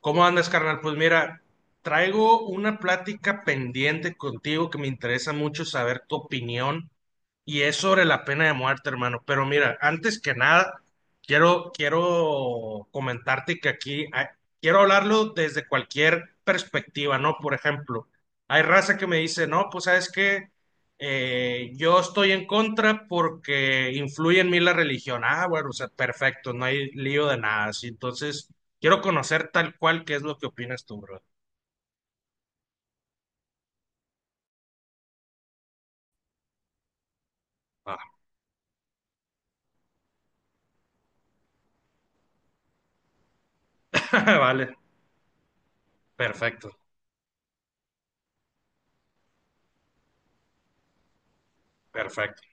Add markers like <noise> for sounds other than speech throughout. ¿Cómo andas, carnal? Pues mira, traigo una plática pendiente contigo que me interesa mucho saber tu opinión y es sobre la pena de muerte, hermano. Pero mira, antes que nada, quiero comentarte que quiero hablarlo desde cualquier perspectiva, ¿no? Por ejemplo, hay raza que me dice, no, pues sabes que yo estoy en contra porque influye en mí la religión. Ah, bueno, o sea, perfecto, no hay lío de nada. Así. Entonces, quiero conocer tal cual qué es lo que opinas tú, bro. Ah, <laughs> vale, perfecto, perfecto.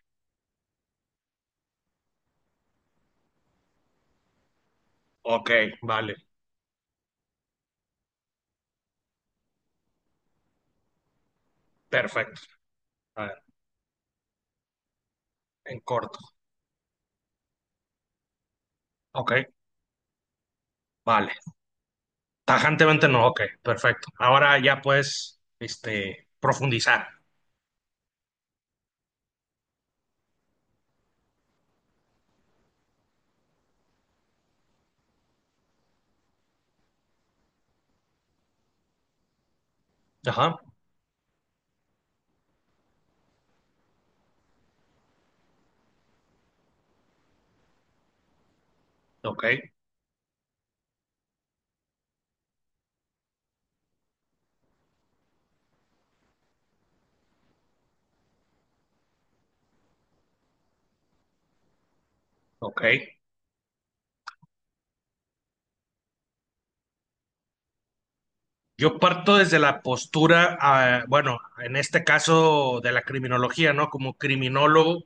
Ok, vale, perfecto. A ver, en corto. Ok, vale. Tajantemente no, ok, perfecto. Ahora ya puedes, profundizar. Ajá, ok, ok. Yo parto desde la postura, ah, bueno, en este caso de la criminología, ¿no? Como criminólogo,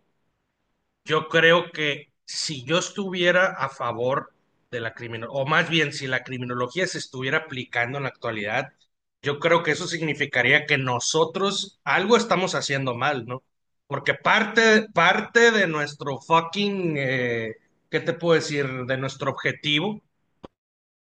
yo creo que si yo estuviera a favor de la criminología, o más bien si la criminología se estuviera aplicando en la actualidad, yo creo que eso significaría que nosotros algo estamos haciendo mal, ¿no? Porque parte de nuestro fucking, ¿qué te puedo decir? De nuestro objetivo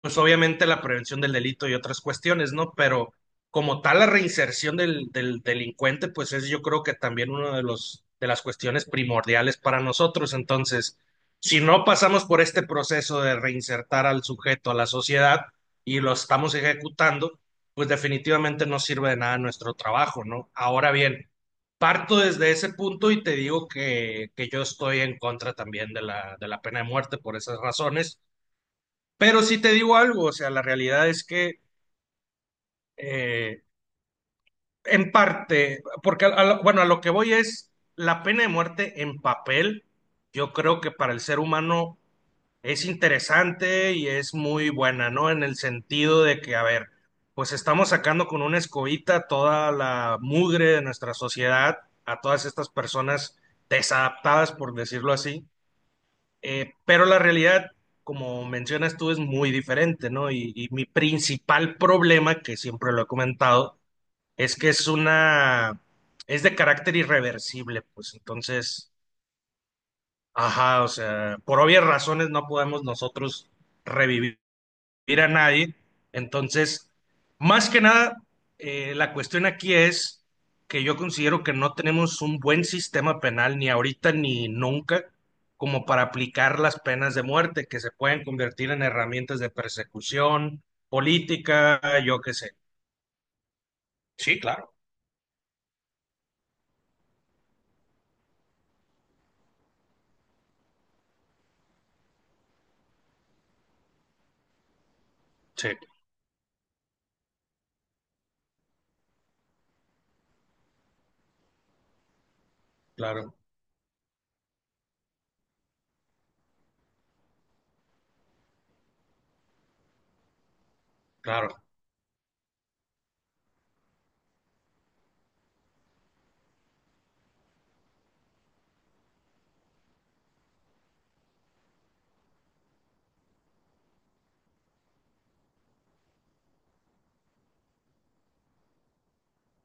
pues obviamente la prevención del delito y otras cuestiones, ¿no? Pero como tal la reinserción del delincuente, pues es yo creo que también uno de los de las cuestiones primordiales para nosotros. Entonces, si no pasamos por este proceso de reinsertar al sujeto a la sociedad y lo estamos ejecutando, pues definitivamente no sirve de nada nuestro trabajo, ¿no? Ahora bien, parto desde ese punto y te digo que yo estoy en contra también de la pena de muerte por esas razones, pero sí te digo algo. O sea, la realidad es que eh, en parte, porque bueno, a lo que voy es la pena de muerte en papel, yo creo que para el ser humano es interesante y es muy buena, ¿no? En el sentido de que, a ver, pues estamos sacando con una escobita toda la mugre de nuestra sociedad, a todas estas personas desadaptadas, por decirlo así. Pero la realidad, como mencionas tú, es muy diferente, ¿no? Y mi principal problema, que siempre lo he comentado, es que es de carácter irreversible, pues entonces, ajá, o sea, por obvias razones no podemos nosotros revivir ir a nadie. Entonces, más que nada, la cuestión aquí es que yo considero que no tenemos un buen sistema penal ni ahorita ni nunca como para aplicar las penas de muerte que se pueden convertir en herramientas de persecución política, yo qué sé. Sí, claro, sí, claro, claro.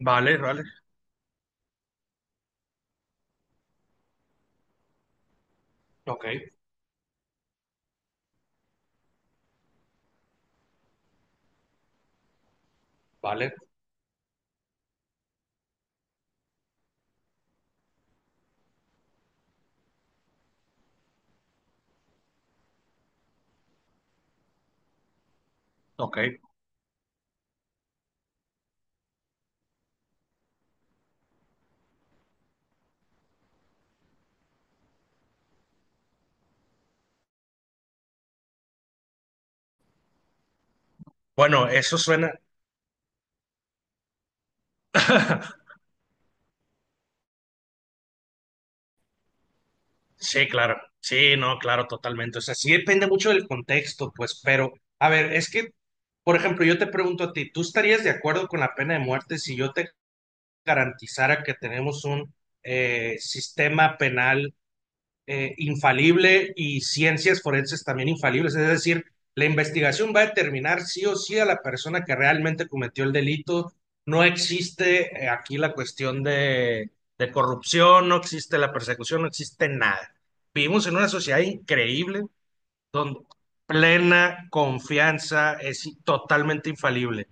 Vale, vale, ok, vale, ok. Bueno, eso suena. <laughs> Sí, claro. Sí, no, claro, totalmente. O sea, sí depende mucho del contexto, pues, pero, a ver, es que, por ejemplo, yo te pregunto a ti, ¿tú estarías de acuerdo con la pena de muerte si yo te garantizara que tenemos un sistema penal infalible y ciencias forenses también infalibles? Es decir, la investigación va a determinar sí o sí a la persona que realmente cometió el delito. No existe aquí la cuestión de corrupción, no existe la persecución, no existe nada. Vivimos en una sociedad increíble donde plena confianza es totalmente infalible.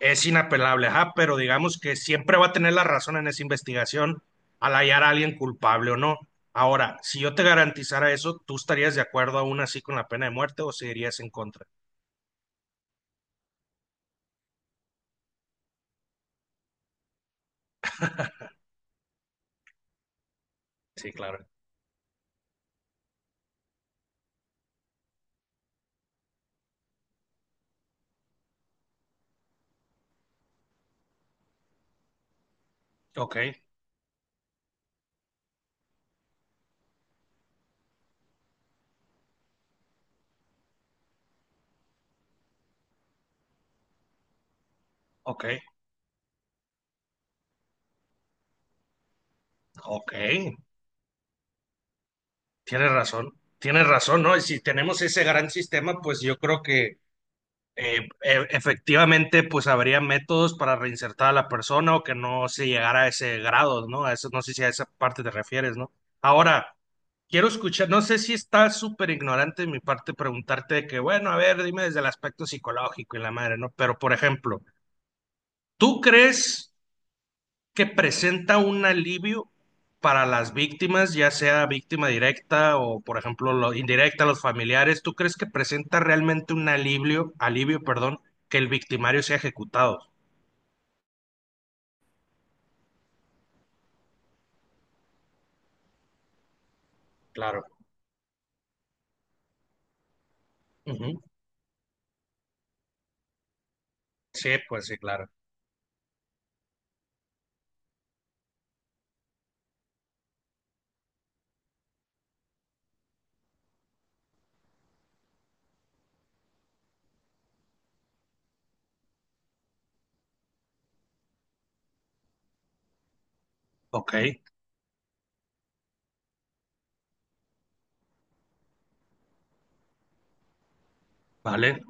Es inapelable, ajá, pero digamos que siempre va a tener la razón en esa investigación al hallar a alguien culpable o no. Ahora, si yo te garantizara eso, ¿tú estarías de acuerdo aún así con la pena de muerte o seguirías en contra? Sí, claro. Ok, ok, ok. Tienes razón, ¿no? Y si tenemos ese gran sistema, pues yo creo que efectivamente, pues habría métodos para reinsertar a la persona o que no se llegara a ese grado, ¿no? A eso, no sé si a esa parte te refieres, ¿no? Ahora, quiero escuchar, no sé si está súper ignorante de mi parte preguntarte de que, bueno, a ver, dime desde el aspecto psicológico y la madre, ¿no? Pero, por ejemplo, ¿tú crees que presenta un alivio para las víctimas, ya sea víctima directa o, por ejemplo, lo indirecta, los familiares? ¿Tú crees que presenta realmente un alivio, perdón, que el victimario sea ejecutado? Claro. Ujú. Sí, pues sí, claro. Ok, vale,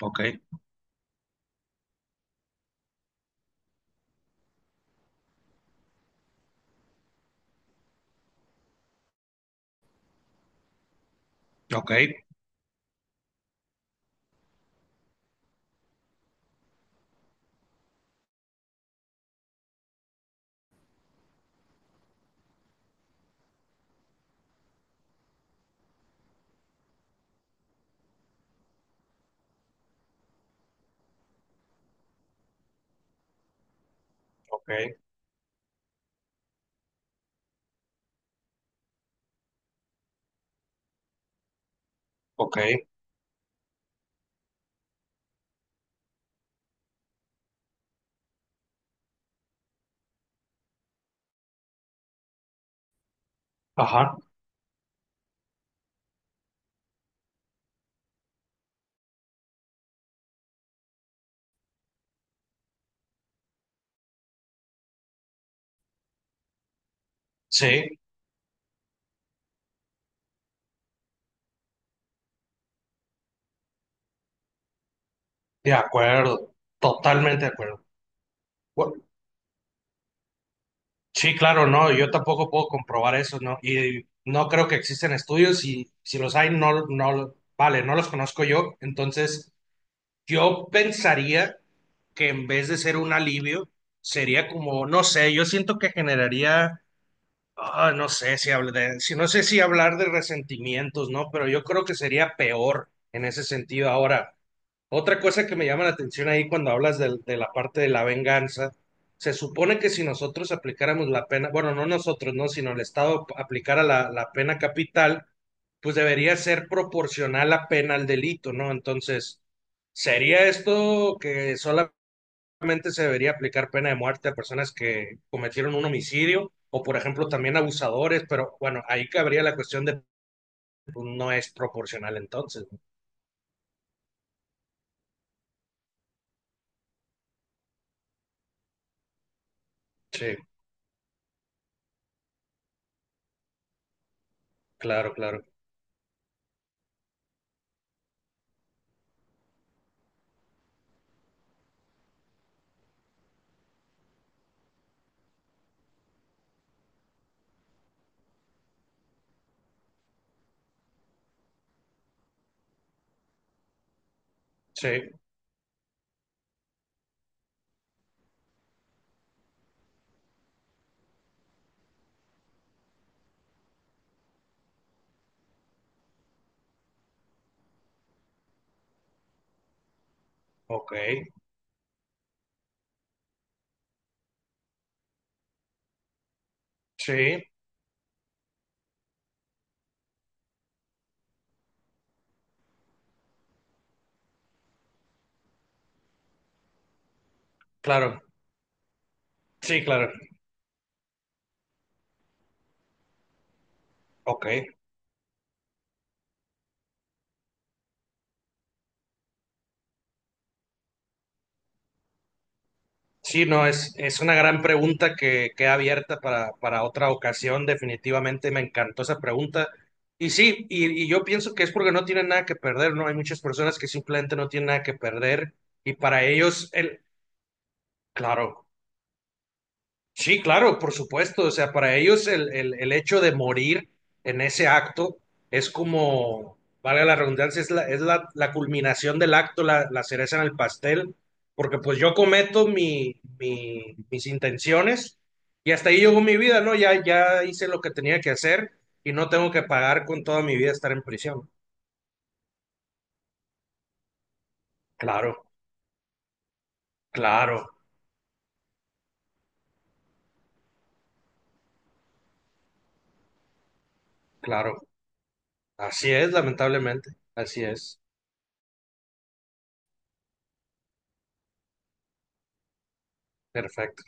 ok, ok, ok, ok. Ajá, sí. De acuerdo, totalmente de acuerdo. Bu- sí, claro, no, yo tampoco puedo comprobar eso, ¿no? Y no creo que existen estudios y si los hay, no, no, vale, no los conozco yo. Entonces, yo pensaría que en vez de ser un alivio, sería como, no sé, yo siento que generaría, no sé si hablar de resentimientos, ¿no? Pero yo creo que sería peor en ese sentido ahora. Otra cosa que me llama la atención ahí cuando hablas de la parte de la venganza, se supone que si nosotros aplicáramos la pena, bueno, no nosotros, no, sino el Estado aplicara la pena capital, pues debería ser proporcional la pena al delito, ¿no? Entonces, ¿sería esto que solamente se debería aplicar pena de muerte a personas que cometieron un homicidio o, por ejemplo, también abusadores? Pero bueno, ahí cabría la cuestión de pues, no es proporcional entonces. Sí, claro, claro. Sí, ok. Sí, claro, sí, claro, ok. Sí, no, es una gran pregunta que queda abierta para otra ocasión, definitivamente me encantó esa pregunta. Y sí, y yo pienso que es porque no tienen nada que perder, ¿no? Hay muchas personas que simplemente no tienen nada que perder y para ellos, el, claro, sí, claro, por supuesto. O sea, para ellos el hecho de morir en ese acto es como, valga la redundancia, la culminación del acto, la cereza en el pastel, porque pues yo cometo mis intenciones y hasta ahí llegó mi vida, ¿no? Ya, ya hice lo que tenía que hacer y no tengo que pagar con toda mi vida estar en prisión. Claro, claro, claro. Así es, lamentablemente. Así es. Perfecto.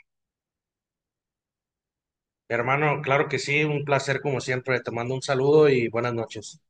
Hermano, claro que sí, un placer como siempre. Te mando un saludo y buenas noches.